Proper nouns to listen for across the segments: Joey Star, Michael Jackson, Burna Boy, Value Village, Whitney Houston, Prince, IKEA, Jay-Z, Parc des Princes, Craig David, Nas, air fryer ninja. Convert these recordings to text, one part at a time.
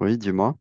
Oui, dis-moi.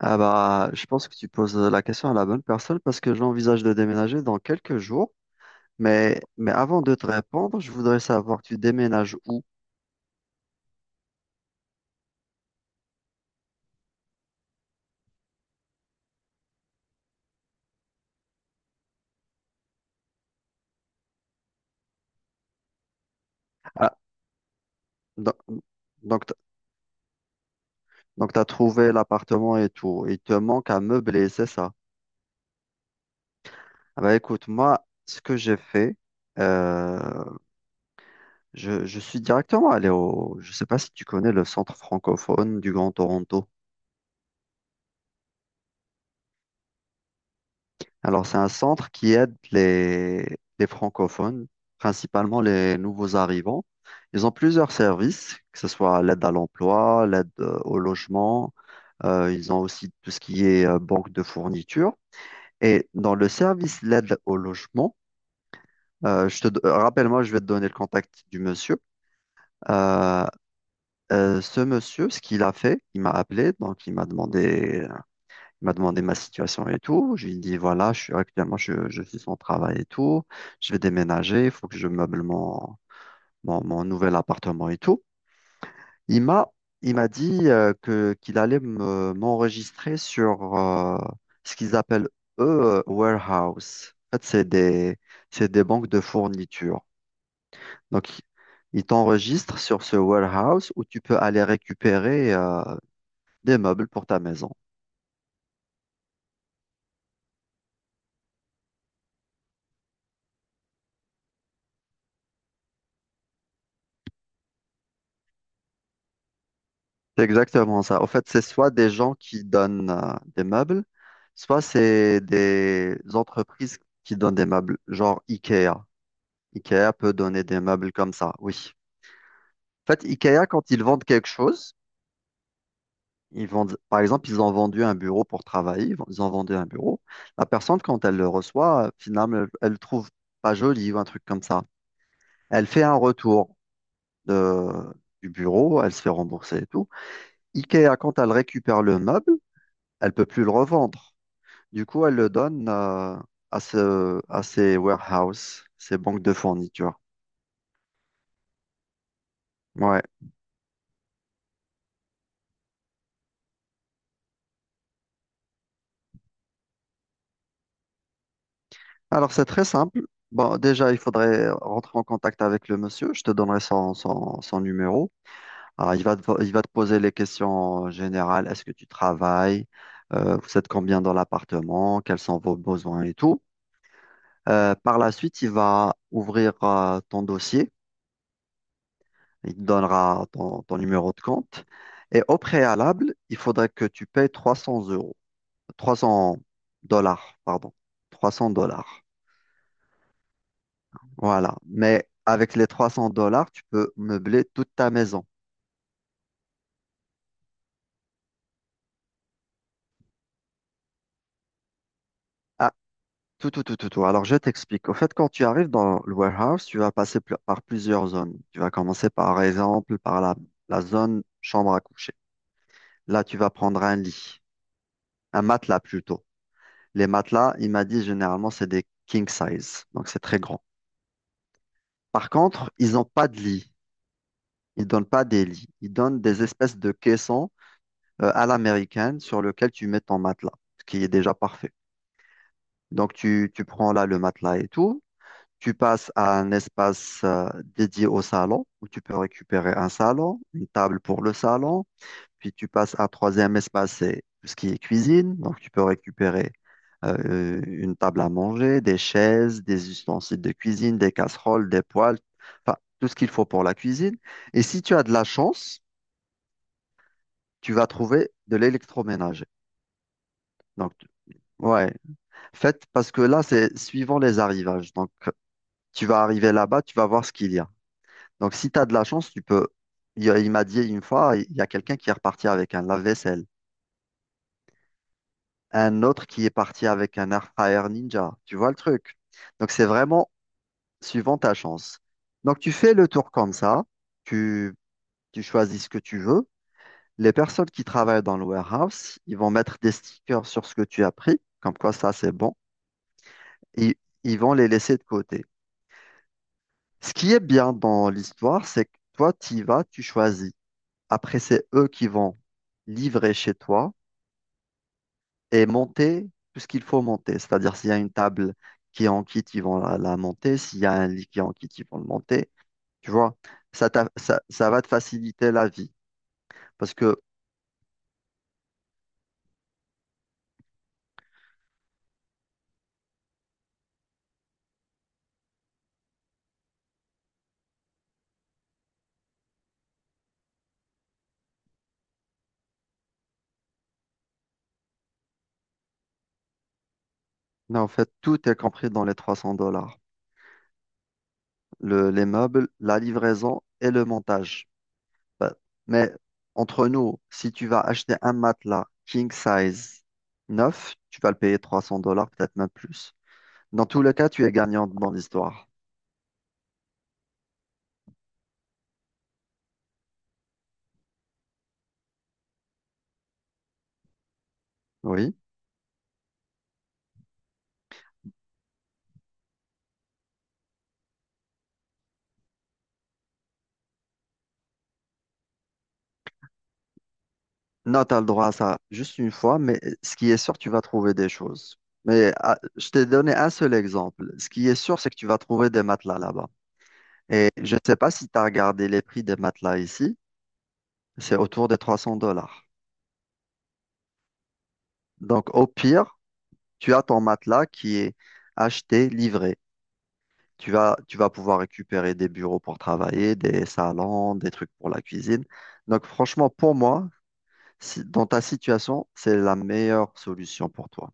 Ah bah, je pense que tu poses la question à la bonne personne parce que j'envisage de déménager dans quelques jours. Mais avant de te répondre, je voudrais savoir, tu déménages où? Ah, do- donc, t- donc t'as trouvé l'appartement et tout. Il te manque à meubler, c'est ça? Ah bah, écoute, moi, ce que j'ai fait, euh, je suis directement allé au. Je sais pas si tu connais le centre francophone du Grand Toronto. Alors, c'est un centre qui aide les francophones, principalement les nouveaux arrivants. Ils ont plusieurs services, que ce soit l'aide à l'emploi, l'aide au logement. Ils ont aussi tout ce qui est banque de fournitures. Et dans le service l'aide au logement, rappelle-moi, je vais te donner le contact du monsieur. Euh, Ce monsieur, ce qu'il a fait, il m'a appelé, donc il m'a demandé ma situation et tout. Je lui ai dit, voilà, je suis actuellement, je suis sans travail et tout. Je vais déménager, il faut que je meuble mon, mon, mon nouvel appartement et tout. Il m'a, il m'a dit qu'il allait m'enregistrer sur ce qu'ils appellent, eux, warehouse. En fait, c'est des banques de fourniture. Donc, ils t'enregistrent sur ce warehouse où tu peux aller récupérer des meubles pour ta maison. C'est exactement ça. En fait, c'est soit des gens qui donnent des meubles, soit c'est des entreprises qui donnent des meubles, genre IKEA. IKEA peut donner des meubles comme ça, oui. En fait, IKEA, quand ils vendent quelque chose, ils vendent, par exemple, ils ont vendu un bureau pour travailler, ils ont vendu un bureau. La personne, quand elle le reçoit, finalement, elle le trouve pas joli ou un truc comme ça. Elle fait un retour de- du bureau, elle se fait rembourser et tout. IKEA, quand elle récupère le meuble, elle peut plus le revendre. Du coup, elle le donne à ces warehouses, ces banques de fournitures. Ouais. Alors, c'est très simple. Bon, déjà, il faudrait rentrer en contact avec le monsieur. Je te donnerai son numéro. Alors, il va te poser les questions générales. Est-ce que tu travailles? Vous êtes combien dans l'appartement? Quels sont vos besoins et tout. Par la suite, il va ouvrir ton dossier. Il te donnera ton numéro de compte. Et au préalable, il faudrait que tu payes 300 euros. 300 dollars, pardon. 300 dollars. Voilà. Mais avec les 300 dollars, tu peux meubler toute ta maison. Ah, tout, tout, tout, tout, tout. Alors, je t'explique. Au fait, quand tu arrives dans le warehouse, tu vas passer par plusieurs zones. Tu vas commencer par exemple par la zone chambre à coucher. Là, tu vas prendre un lit, un matelas plutôt. Les matelas, il m'a dit généralement, c'est des king size. Donc, c'est très grand. Par contre, ils n'ont pas de lit. Ils donnent pas des lits. Ils donnent des espèces de caissons à l'américaine sur lequel tu mets ton matelas, ce qui est déjà parfait. Donc, tu prends là le matelas et tout. Tu passes à un espace dédié au salon où tu peux récupérer un salon, une table pour le salon. Puis tu passes à un troisième espace, c'est tout ce qui est cuisine. Donc, tu peux récupérer une table à manger, des chaises, des ustensiles de cuisine, des casseroles, des poêles, enfin, tout ce qu'il faut pour la cuisine. Et si tu as de la chance, tu vas trouver de l'électroménager. Donc, ouais, faites parce que là, c'est suivant les arrivages. Donc, tu vas arriver là-bas, tu vas voir ce qu'il y a. Donc, si tu as de la chance, tu peux. Il m'a dit une fois, il y a quelqu'un qui est reparti avec un lave-vaisselle, un autre qui est parti avec un air fryer ninja. Tu vois le truc? Donc, c'est vraiment suivant ta chance. Donc, tu fais le tour comme ça, tu, tu choisis ce que tu veux. Les personnes qui travaillent dans le warehouse, ils vont mettre des stickers sur ce que tu as pris, comme quoi ça, c'est bon, et ils vont les laisser de côté. Ce qui est bien dans l'histoire, c'est que toi, tu y vas, tu choisis. Après, c'est eux qui vont livrer chez toi et monter tout ce qu'il faut monter. C'est-à-dire, s'il y a une table qui est en kit, ils vont la monter. S'il y a un lit qui est en kit, ils vont le monter. Tu vois, ça va te faciliter la vie. Parce que, non, en fait, tout est compris dans les 300 dollars. Les meubles, la livraison et le montage. Bah, mais entre nous, si tu vas acheter un matelas king size neuf, tu vas le payer 300 dollars, peut-être même plus. Dans tous les cas, tu es gagnant dans l'histoire. Oui. Non, tu as le droit à ça juste une fois, mais ce qui est sûr, tu vas trouver des choses. Mais ah, je t'ai donné un seul exemple. Ce qui est sûr, c'est que tu vas trouver des matelas là-bas. Et je ne sais pas si tu as regardé les prix des matelas ici. C'est autour des 300 dollars. Donc, au pire, tu as ton matelas qui est acheté, livré. Tu vas pouvoir récupérer des bureaux pour travailler, des salons, des trucs pour la cuisine. Donc franchement, pour moi, dans ta situation, c'est la meilleure solution pour toi.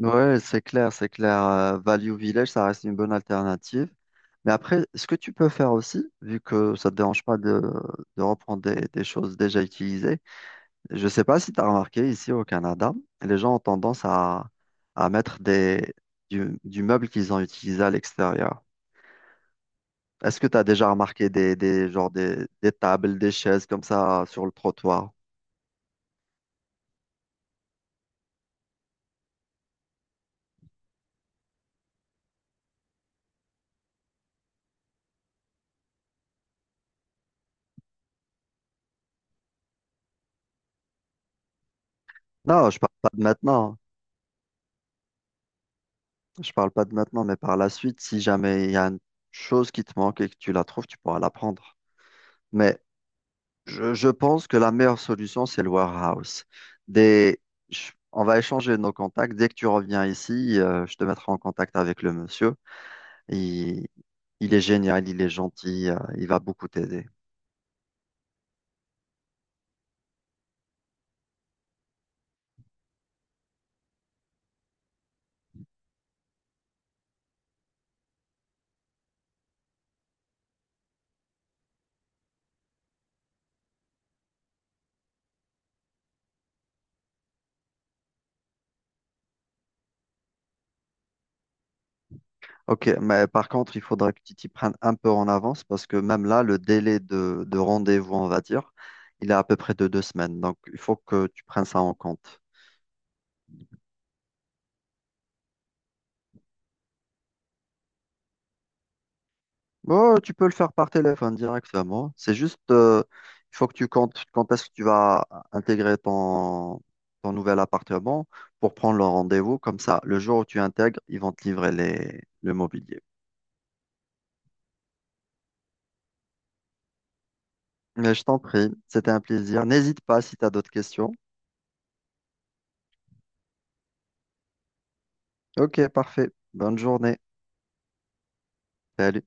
Ouais, c'est clair, c'est clair. Value Village, ça reste une bonne alternative. Mais après, ce que tu peux faire aussi, vu que ça ne te dérange pas de reprendre des, choses déjà utilisées, je ne sais pas si tu as remarqué ici au Canada, les gens ont tendance à mettre du meuble qu'ils ont utilisé à l'extérieur. Est-ce que tu as déjà remarqué genre des tables, des chaises comme ça sur le trottoir? Non, je parle pas de maintenant. Je parle pas de maintenant, mais par la suite, si jamais il y a une chose qui te manque et que tu la trouves, tu pourras la prendre. Mais je pense que la meilleure solution, c'est le warehouse. Des, on va échanger nos contacts. Dès que tu reviens ici, je te mettrai en contact avec le monsieur. Il, il est génial, il est gentil, il va beaucoup t'aider. Ok, mais par contre, il faudra que tu t'y prennes un peu en avance parce que même là, le délai de rendez-vous, on va dire, il est à peu près de deux semaines. Donc, il faut que tu prennes ça en compte. Bon, tu peux le faire par téléphone directement. C'est juste, il faut que tu comptes quand est-ce que tu vas intégrer ton nouvel appartement pour prendre le rendez-vous. Comme ça, le jour où tu intègres, ils vont te livrer le mobilier. Mais je t'en prie, c'était un plaisir. N'hésite pas si tu as d'autres questions. Ok, parfait. Bonne journée. Salut.